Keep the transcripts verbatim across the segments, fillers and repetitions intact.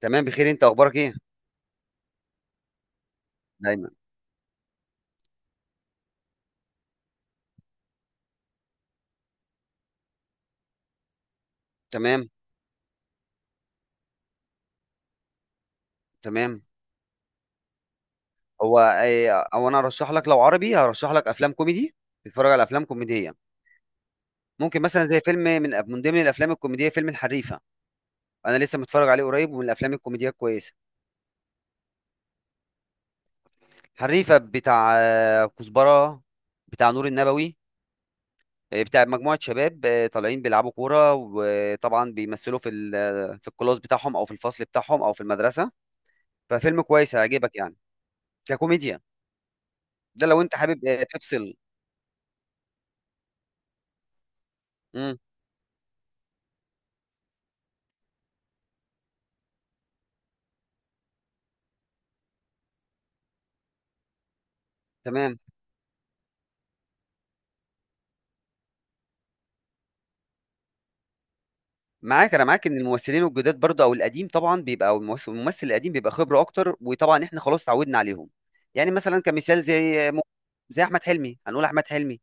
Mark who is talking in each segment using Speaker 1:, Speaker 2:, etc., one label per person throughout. Speaker 1: تمام، بخير. انت اخبارك ايه؟ دايما. تمام. تمام. هو ايه؟ او انا ارشح لك. لو عربي هرشح لك افلام كوميدي. تتفرج على افلام كوميديه؟ ممكن مثلا زي فيلم من من ضمن الافلام الكوميديه، فيلم الحريفه. انا لسه متفرج عليه قريب، ومن الافلام الكوميديه الكويسه. حريفه بتاع آه، كزبره، بتاع نور النبوي. آه، بتاع مجموعه شباب آه، طالعين بيلعبوا كوره، وطبعا بيمثلوا في ال- في الكلاس بتاعهم، او في الفصل بتاعهم، او في المدرسه. ففيلم كويس هيعجبك يعني، ككوميديا. ده لو انت حابب آه، تفصل. امم. تمام. معاك أنا معاك إن الممثلين الجداد برضه أو القديم طبعًا بيبقى، أو الممس- الممثل القديم بيبقى خبرة أكتر، وطبعًا إحنا خلاص اتعودنا عليهم. يعني مثلًا كمثال زي م زي أحمد حلمي، هنقول أحمد حلمي،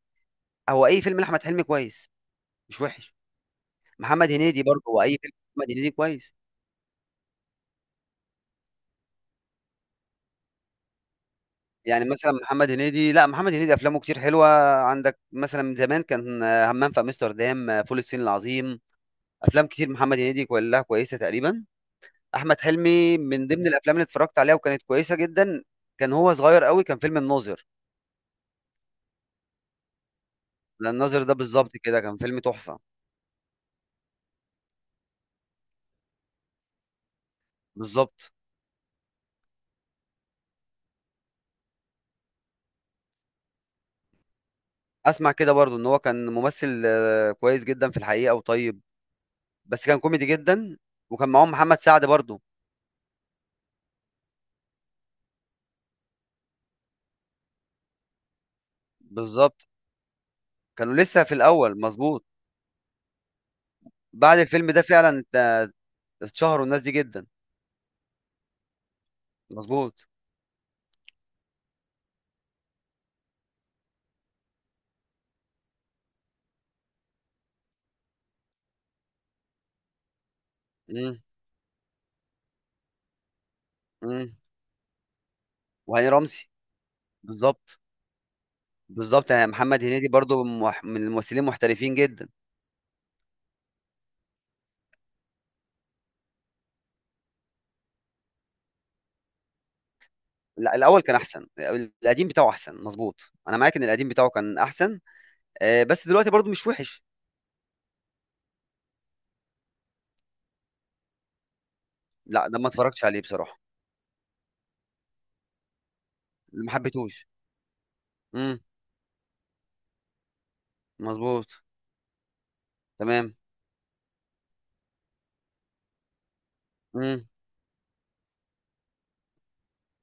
Speaker 1: هو أي فيلم لأحمد حلمي كويس، مش وحش. محمد هنيدي برضه، هو أي فيلم لأحمد هنيدي كويس. يعني مثلًا محمد هنيدي، لأ، محمد هنيدي أفلامه كتير حلوة. عندك مثلًا من زمان كان آه، همام في أمستردام، آه، فول الصين العظيم. أفلام كتير محمد هنيدي كلها كويسة تقريبًا. احمد حلمي من ضمن الافلام اللي اتفرجت عليها وكانت كويسه جدا، كان هو صغير قوي، كان فيلم الناظر. لان الناظر ده بالظبط كده كان فيلم تحفه. بالظبط. اسمع كده برضو ان هو كان ممثل آه، كويس جدا في الحقيقه وطيب، بس كان كوميدي جدا. وكان معاهم محمد سعد برضو. بالظبط. كانوا لسه في الاول، مظبوط. بعد الفيلم ده فعلا ات- اتشهروا الناس دي جدا. مظبوط. امم. امم. وهاني رمزي. بالظبط. بالظبط، يعني محمد هنيدي برضو من مح- من الممثلين المحترفين جدا. لا، الاول كان احسن، القديم بتاعه احسن، مظبوط. انا معاك ان القديم بتاعه كان احسن، آه، بس دلوقتي برضو مش وحش. لا، ده ما اتفرجتش عليه بصراحه، ما حبيتهوش. امم. مظبوط. تمام. امم.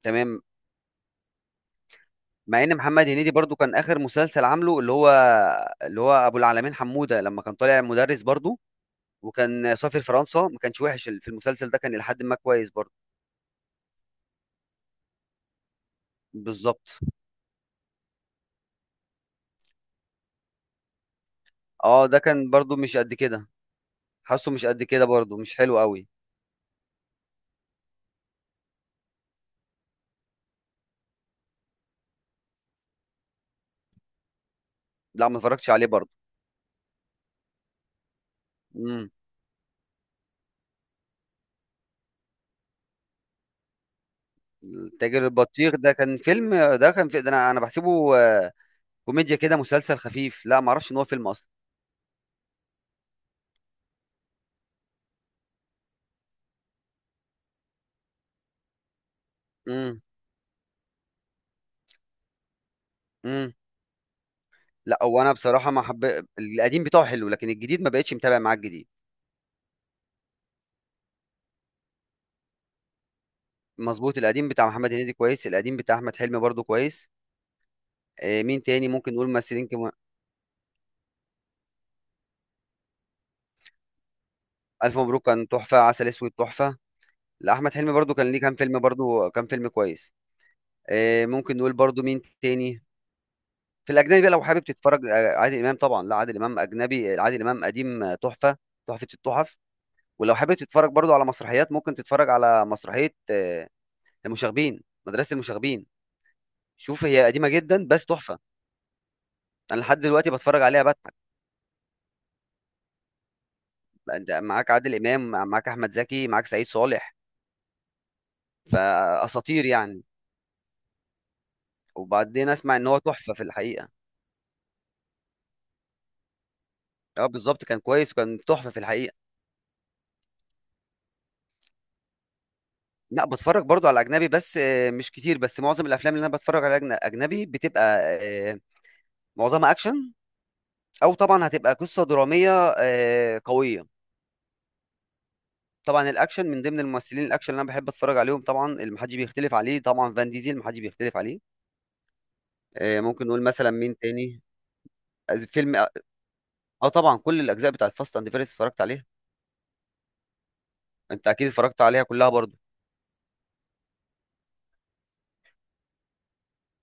Speaker 1: تمام. مع ان محمد هنيدي برضو كان اخر مسلسل عامله اللي هو اللي هو ابو العلمين حموده، لما كان طالع مدرس برضو، وكان سافر فرنسا. ما كانش وحش ال- في المسلسل ده، كان الى حد ما كويس برضو. بالظبط. اه، ده كان برضو مش قد كده، حاسه مش قد كده برضو، مش حلو قوي. لا، ما اتفرجتش عليه برضو. مم. تاجر البطيخ ده كان فيلم؟ ده كان في ده، انا انا بحسبه آه، كوميديا كده، مسلسل خفيف. لا، ما اعرفش ان هو فيلم اصلا. امم. امم. لا، هو انا بصراحه ما حب، القديم بتاعه حلو، لكن الجديد ما بقتش متابع معاه الجديد. مظبوط. القديم بتاع محمد هنيدي كويس، القديم بتاع احمد حلمي برضو كويس. آه، مين تاني ممكن نقول ممثلين كمان؟ الف مبروك كان تحفه، عسل اسود تحفه. لا، احمد حلمي برضو كان ليه كام فيلم، برضو كام فيلم كويس. آه، ممكن نقول برضو مين تاني؟ في الأجنبي بقى لو حابب تتفرّج. آآ عادل إمام طبعًا، لأ، عادل إمام أجنبي؟ عادل إمام قديم آه، تحفة، تحفة التُحَف. ولو حابب تتفرّج برضه على مسرحيات، ممكن تتفرّج على مسرحية آه، المشاغبين، مدرسة المشاغبين. شوف، هي قديمة جدًا بس تحفة. أنا لحد دلوقتي باتفرّج عليها باضحك. أنت معاك عادل إمام، معاك أحمد زكي، معاك سعيد صالح، فأساطير يعني. وبعدين أسمع إن هو تحفة في الحقيقة. آه، بالضبط، كان كويس وكان تحفة في الحقيقة. لأ، باتفرّج برضه على أجنبي، بس آه، مش كتير. بس معظم الأفلام اللي أنا باتفرّج عليها أجن أجنبي، بتبقى آآ معظمها اكشن، او طبعا هتبقى قصه دراميه آه، قويه. طبعا الاكشن، من ضمن الممثلين الاكشن اللي انا بحب اتفرج عليهم طبعا، اللي محدش بيختلف عليه، طبعا فان ديزل محدش بيختلف عليه. آه، ممكن نقول مثلا مين تاني؟ از- فيلم، اه طبعا كل الاجزاء بتاعت فاست اند فيرس اتفرجت عليها. انت اكيد اتفرجت عليها كلها برضو.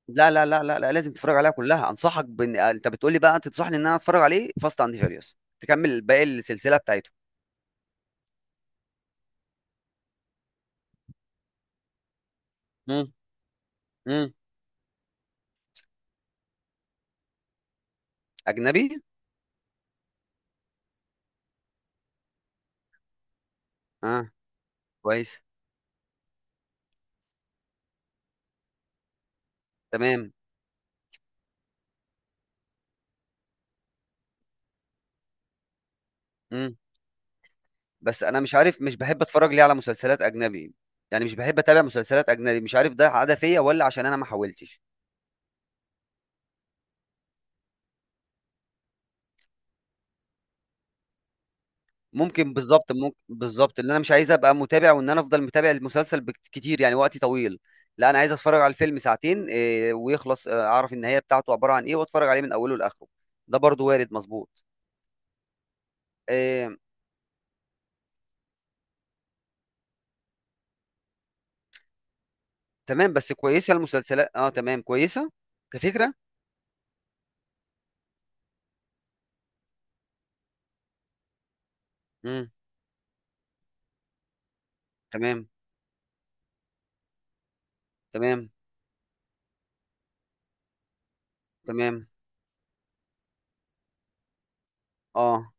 Speaker 1: لا لا لا لا, لا، لازم تتفرج عليها كلها. انصحك بان آه، انت بتقولي بقى انت تنصحني ان انا اتفرج عليه فاست اند فيريوس، تكمل باقي السلسله بتاعته. امم. امم. اجنبي؟ اه، كويس. تمام. مم. بس انا مش عارف، مش بحب اتفرج ليه على مسلسلات اجنبي، يعني مش بحب اتابع مسلسلات اجنبي، مش عارف ده عاده فيا ولا عشان انا ما حاولتش. ممكن بالظبط، ممكن بالظبط، ان انا مش عايز ابقى متابع، وان انا افضل متابع المسلسل بكت- كتير، يعني وقتي طويل. لا، انا عايز اتفرج على الفيلم ساعتين إيه، ويخلص، آه، اعرف النهايه بتاعته عباره عن ايه، واتفرج عليه من اوله لاخره. ده برضو وارد، مظبوط. إيه. تمام، بس كويسه المسلسلات، اه، تمام كويسه كفكره. امم. تمام. تمام. تمام. اه،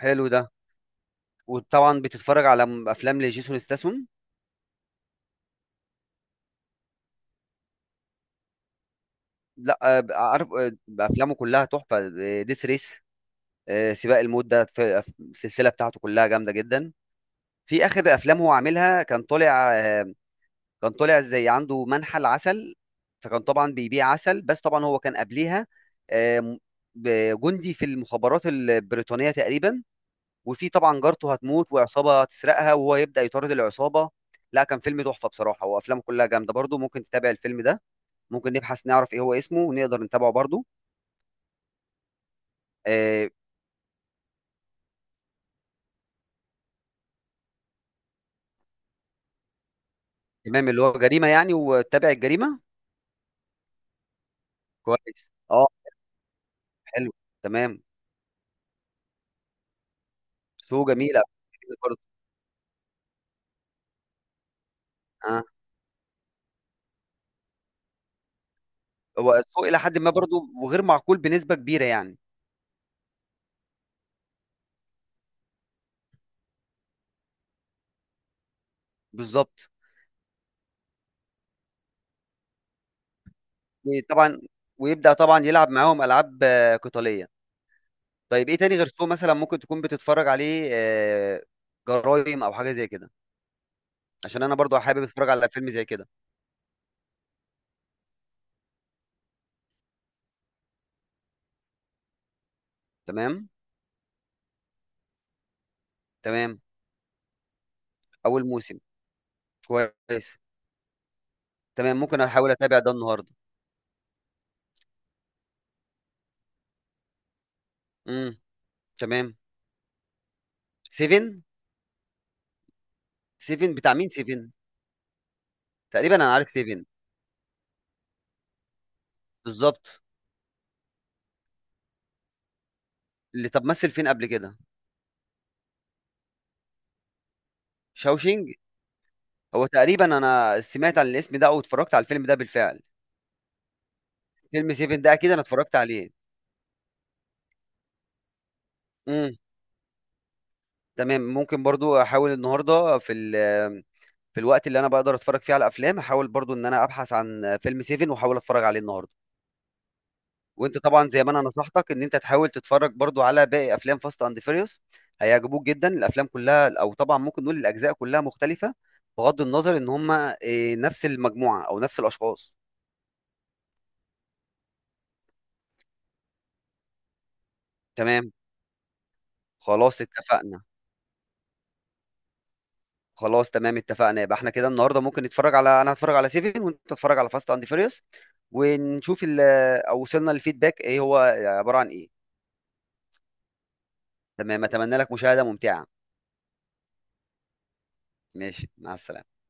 Speaker 1: حلو ده. وطبعا بتتفرج على م- افلام لجيسون ستاثام؟ لا آه، ب- عارف، آه، بقى افلامه كلها تحفه. ديث ريس، سباق الموت، ده في- في السلسله بتاعته كلها جامده جدا. في اخر افلام هو عاملها، كان طالع آه، كان طالع زي عنده منحل عسل، فكان طبعا بيبيع عسل، بس طبعا هو كان قبليها آه، م- ب- جندي في المخابرات البريطانيه تقريبا. وفي طبعا جارته هتموت، وعصابه هتسرقها، وهو يبدا يطارد العصابه. لا، كان فيلم تحفه بصراحه، وافلامه كلها جامده برضو، ممكن تتابع الفيلم ده. ممكن نبحث نعرف إيه هو اسمه، ونقدر نتابعه برضه. آه. تمام، اللي هو جريمة يعني، وتابع الجريمة. كويس، أه. حلو. تمام. سوق جميلة. برضه. آه. هو السوق إلى حد ما برضه، وغير معقول بنسبة كبيرة يعني. بالظبط. طبعا. ويبدأ طبعا يلعب معاهم ألعاب آه، قتالية. طيب إيه تاني غير سوق مثلا ممكن تكون بتتفرج عليه؟ آه، جرايم أو حاجة زي كده، عشان أنا برضه حابب أتفرج على فيلم زي كده. تمام. تمام. أول موسم. كويس. تمام، ممكن أحاول أتابع ده النهاردة. مم. تمام. سيفن. سيفن بتاع مين سيفن؟ تقريبا انا عارف سيفن. بالظبط. اللي طب مثل فين قبل كده؟ شاوشينج. هو تقريبا انا سمعت عن الاسم ده، او اتفرجت على الفيلم ده بالفعل. فيلم سيفن ده اكيد انا اتفرجت عليه. امم. تمام، ممكن برضو احاول النهارده في ال- في الوقت اللي انا بقدر اتفرج فيه على افلام، احاول برضو ان انا ابحث عن فيلم سيفن واحاول اتفرج عليه النهارده. وانت طبعا زي ما انا نصحتك ان انت تحاول تتفرج برضو على باقي افلام فاست اند فيريوس، هيعجبوك جدا الافلام كلها، او طبعا ممكن نقول الاجزاء كلها مختلفه بغض النظر ان هم آه، نفس المجموعه او نفس الاشخاص. تمام. خلاص، اتفقنا. خلاص، تمام، اتفقنا، يبقى احنا كده النهارده ممكن نتفرج على انا هتفرج على سيفن، وانت تتفرج على فاست اند فيريوس، ونشوف ال... او وصلنا للفيدباك ايه هو، عباره عن ايه. تمام، اتمنى لك مشاهده ممتعه. ماشي، مع السلامه.